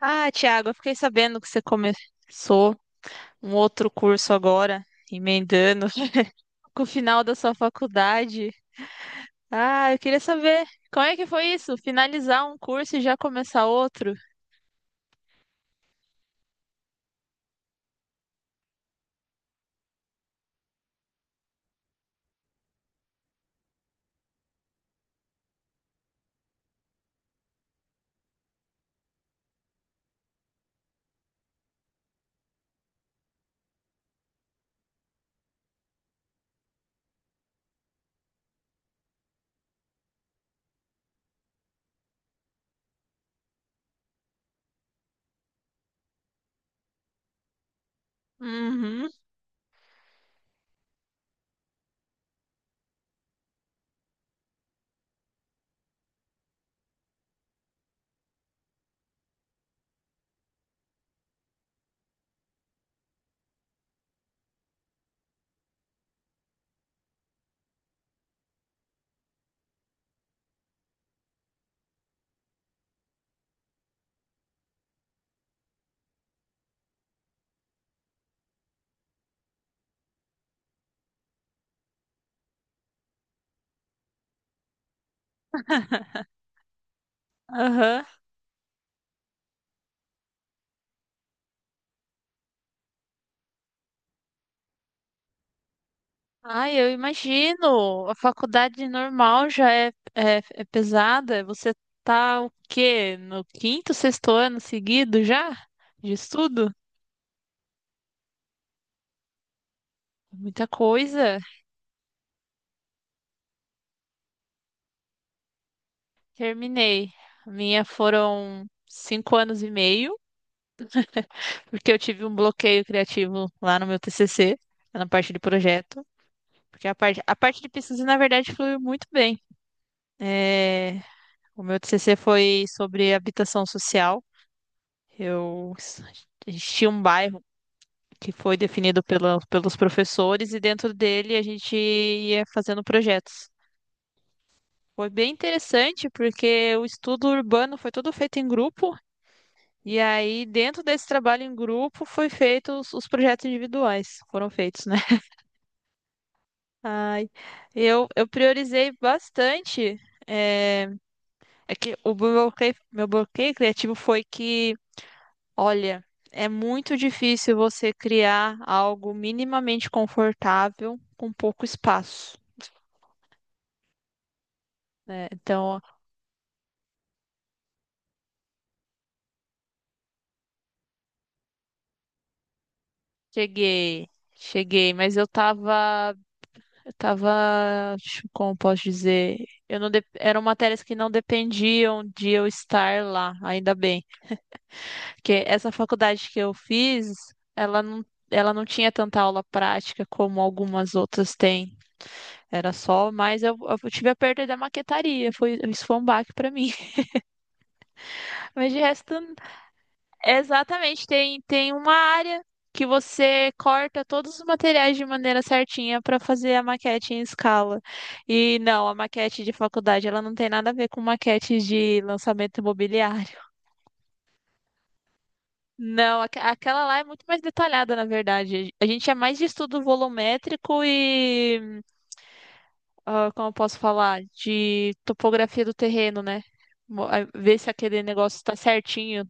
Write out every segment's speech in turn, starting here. Ah, Thiago, eu fiquei sabendo que você começou um outro curso agora, emendando com o final da sua faculdade. Ah, eu queria saber como é que foi isso? Finalizar um curso e já começar outro? Uhum, aham. Ai, eu imagino. A faculdade normal já é pesada. Você tá o quê? No quinto, sexto ano seguido já de estudo? Muita coisa. Terminei. A minha foram 5 anos e meio. Porque eu tive um bloqueio criativo lá no meu TCC, na parte de projeto. Porque a parte de pesquisa, na verdade, foi muito bem. É, o meu TCC foi sobre habitação social. Eu a gente tinha um bairro que foi definido pelos professores e dentro dele a gente ia fazendo projetos. Foi bem interessante porque o estudo urbano foi todo feito em grupo e aí dentro desse trabalho em grupo foi feito os projetos individuais, foram feitos, né? Ai, eu priorizei bastante. É, é que meu bloqueio criativo foi que, olha, é muito difícil você criar algo minimamente confortável com pouco espaço, né? Então, cheguei, cheguei, mas eu tava, como posso dizer, eu não, dep- eram matérias que não dependiam de eu estar lá, ainda bem. Porque essa faculdade que eu fiz, ela não tinha tanta aula prática como algumas outras têm. Era só, mas eu tive a perda da maquetaria. Isso foi um baque para mim. Mas de resto, exatamente, tem uma área que você corta todos os materiais de maneira certinha para fazer a maquete em escala. E não, a maquete de faculdade, ela não tem nada a ver com maquete de lançamento imobiliário. Não, aquela lá é muito mais detalhada, na verdade. A gente é mais de estudo volumétrico e, como eu posso falar, de topografia do terreno, né? Ver se aquele negócio está certinho.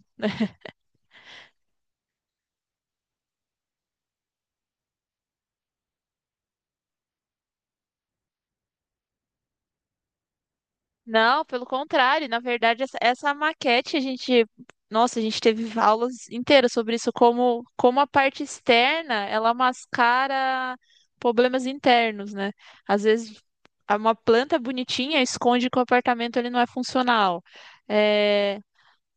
Não, pelo contrário, na verdade, essa maquete a gente, nossa, a gente teve aulas inteiras sobre isso, como a parte externa, ela mascara problemas internos, né? Às vezes uma planta bonitinha esconde que o apartamento ele não é funcional. É,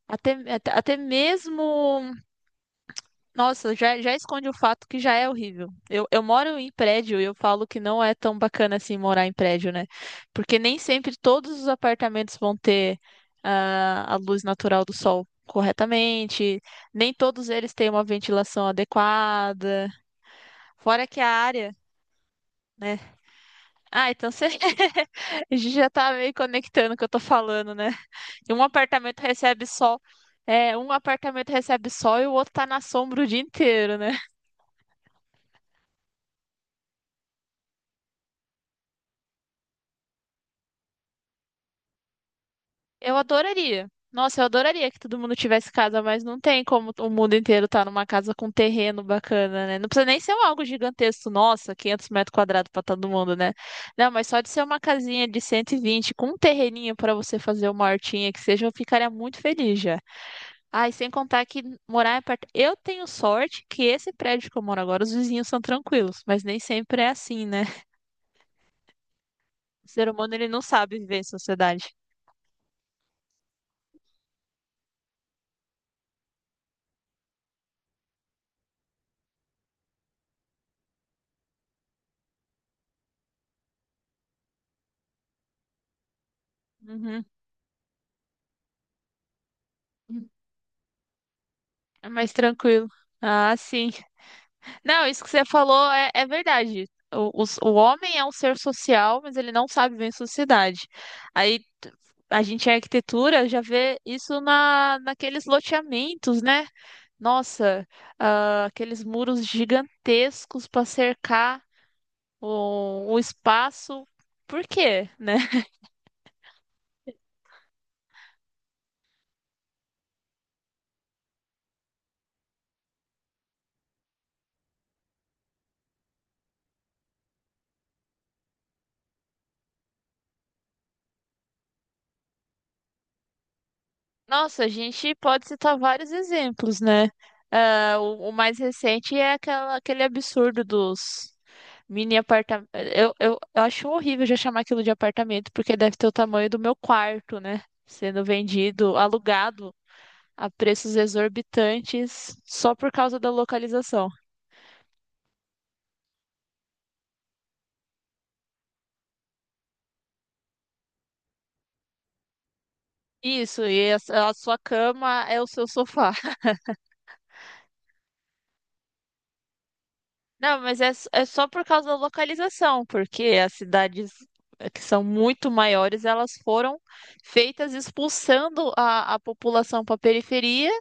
até mesmo nossa, já esconde o fato que já é horrível. Eu moro em prédio e eu falo que não é tão bacana assim morar em prédio, né? Porque nem sempre todos os apartamentos vão ter a luz natural do sol corretamente, nem todos eles têm uma ventilação adequada, fora que a área, né? Ah, então você a gente já tá meio conectando o que eu tô falando, né? E um apartamento recebe sol, é, um apartamento recebe sol e o outro tá na sombra o dia inteiro, né? Eu adoraria. Nossa, eu adoraria que todo mundo tivesse casa, mas não tem como o mundo inteiro estar numa casa com terreno bacana, né? Não precisa nem ser um algo gigantesco, nossa, 500 metros quadrados para todo mundo, né? Não, mas só de ser uma casinha de 120 com um terreninho para você fazer uma hortinha que seja, eu ficaria muito feliz já. Ah, e sem contar que morar em apart... Eu tenho sorte que esse prédio que eu moro agora, os vizinhos são tranquilos, mas nem sempre é assim, né? O ser humano, ele não sabe viver em sociedade. Uhum. É mais tranquilo. Ah, sim. Não, isso que você falou é verdade. O homem é um ser social, mas ele não sabe viver em sociedade. Aí t- a gente em arquitetura já vê isso naqueles loteamentos, né? Nossa, aqueles muros gigantescos para cercar o espaço. Por quê, né? Nossa, a gente pode citar vários exemplos, né? Ah, o mais recente é aquele absurdo dos mini apartamentos. Eu acho horrível já chamar aquilo de apartamento, porque deve ter o tamanho do meu quarto, né? Sendo vendido, alugado a preços exorbitantes só por causa da localização. Isso, e a sua cama é o seu sofá. Não, mas é só por causa da localização, porque as cidades que são muito maiores, elas foram feitas expulsando a população para a periferia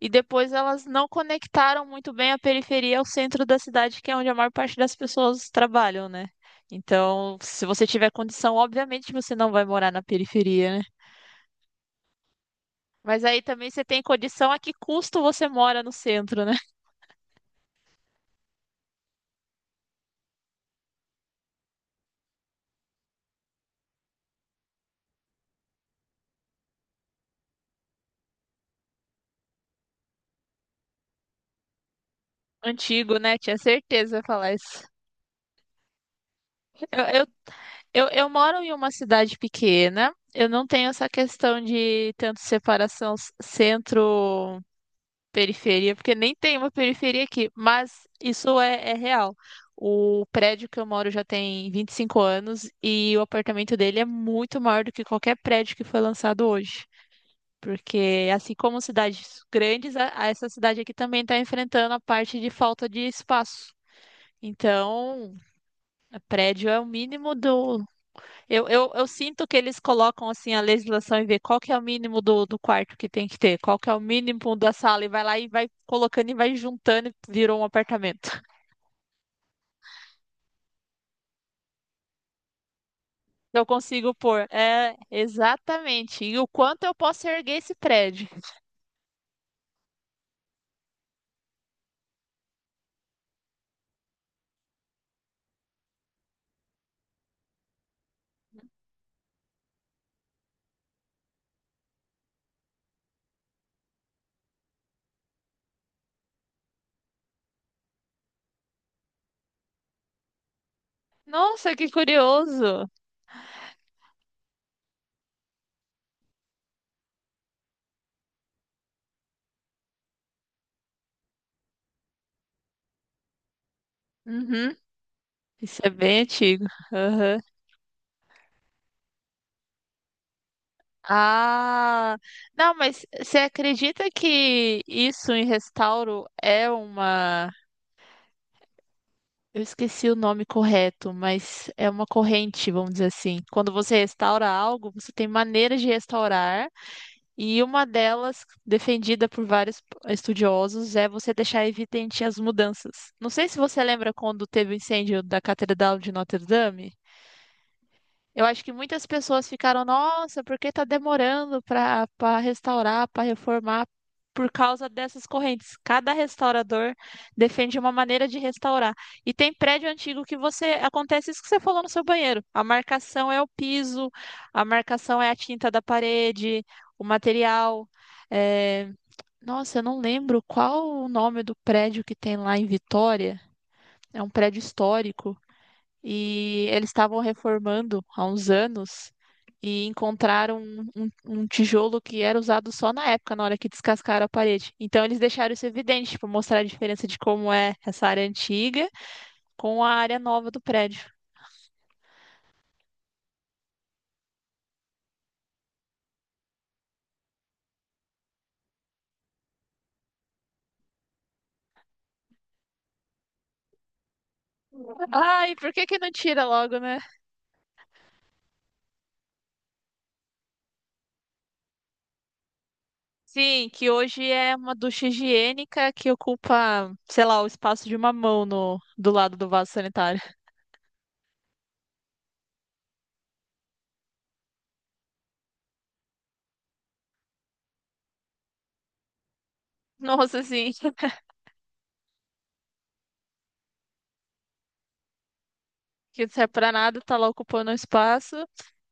e depois elas não conectaram muito bem a periferia ao centro da cidade, que é onde a maior parte das pessoas trabalham, né? Então, se você tiver condição, obviamente você não vai morar na periferia, né? Mas aí também você tem condição a que custo você mora no centro, né? Antigo, né? Tinha certeza de falar isso. Eu, eu eu moro em uma cidade pequena, eu não tenho essa questão de tanto separação centro-periferia, porque nem tem uma periferia aqui, mas isso é real. O prédio que eu moro já tem 25 anos e o apartamento dele é muito maior do que qualquer prédio que foi lançado hoje. Porque, assim como cidades grandes, a essa cidade aqui também está enfrentando a parte de falta de espaço. Então, prédio é o mínimo do eu sinto que eles colocam assim a legislação e vê qual que é o mínimo do quarto que tem que ter, qual que é o mínimo da sala, e vai lá e vai colocando e vai juntando e virou um apartamento. Eu consigo pôr. É, exatamente. E o quanto eu posso erguer esse prédio? Nossa, que curioso. Uhum. Isso é bem antigo. Aham. Ah, não, mas você acredita que isso em restauro é uma Eu esqueci o nome correto, mas é uma corrente, vamos dizer assim. Quando você restaura algo, você tem maneiras de restaurar, e uma delas, defendida por vários estudiosos, é você deixar evidente as mudanças. Não sei se você lembra quando teve o incêndio da Catedral de Notre Dame. Eu acho que muitas pessoas ficaram, nossa, por que tá demorando para restaurar, para reformar, por causa dessas correntes. Cada restaurador defende uma maneira de restaurar. E tem prédio antigo que você acontece isso que você falou no seu banheiro. A marcação é o piso, a marcação é a tinta da parede, o material. é, Nossa, eu não lembro qual o nome do prédio que tem lá em Vitória. É um prédio histórico e eles estavam reformando há uns anos e encontraram um tijolo que era usado só na época, na hora que descascaram a parede. Então eles deixaram isso evidente, para mostrar a diferença de como é essa área antiga com a área nova do prédio. Ai, por que que não tira logo, né? Sim, que hoje é uma ducha higiênica que ocupa, sei lá, o espaço de uma mão no, do lado do vaso sanitário. Nossa, sim, que não serve pra nada, tá lá ocupando o espaço.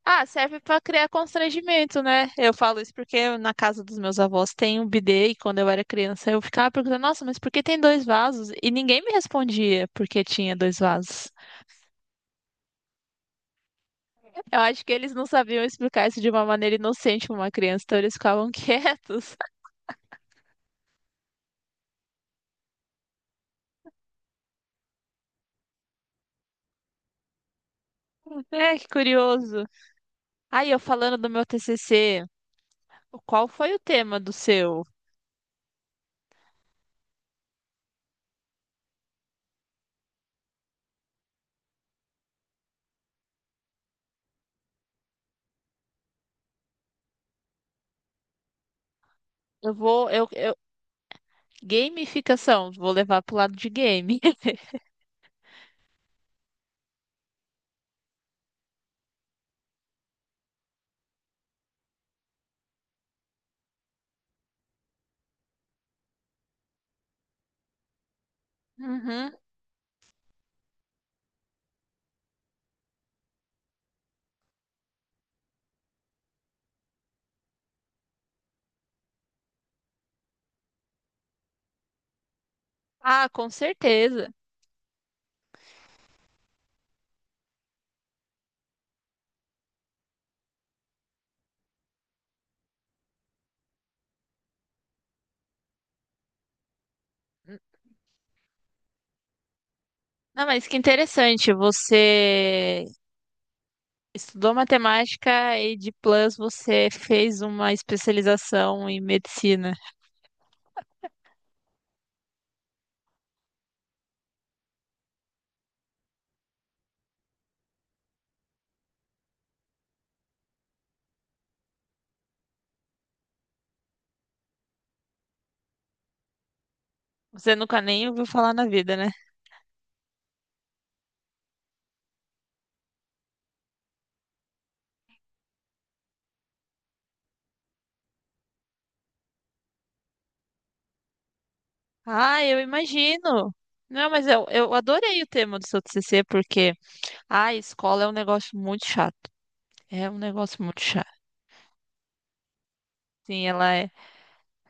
Ah, serve para criar constrangimento, né? Eu falo isso porque na casa dos meus avós tem um bidê e quando eu era criança eu ficava perguntando, nossa, mas por que tem dois vasos? E ninguém me respondia porque tinha dois vasos. Eu acho que eles não sabiam explicar isso de uma maneira inocente para uma criança, então eles ficavam quietos. É, que curioso. Aí eu falando do meu TCC, qual foi o tema do seu? Eu vou, eu, Gamificação, vou levar pro lado de game. Uhum. Ah, com certeza. Não, mas que interessante, você estudou matemática e de plus você fez uma especialização em medicina. Você nunca nem ouviu falar na vida, né? Ah, eu imagino. Não, mas eu adorei o tema do seu TCC porque a escola é um negócio muito chato. É um negócio muito chato. Sim, ela é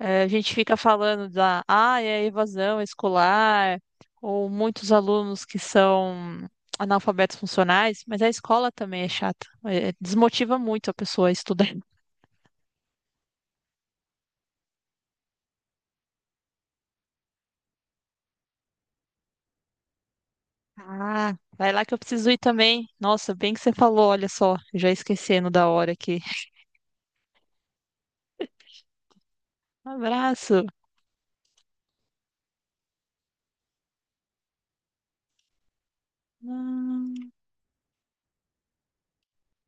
A gente fica falando da é evasão escolar, ou muitos alunos que são analfabetos funcionais, mas a escola também é chata. Desmotiva muito a pessoa a estudar. Ah, vai lá que eu preciso ir também. Nossa, bem que você falou, olha só, já esquecendo da hora aqui. Um abraço.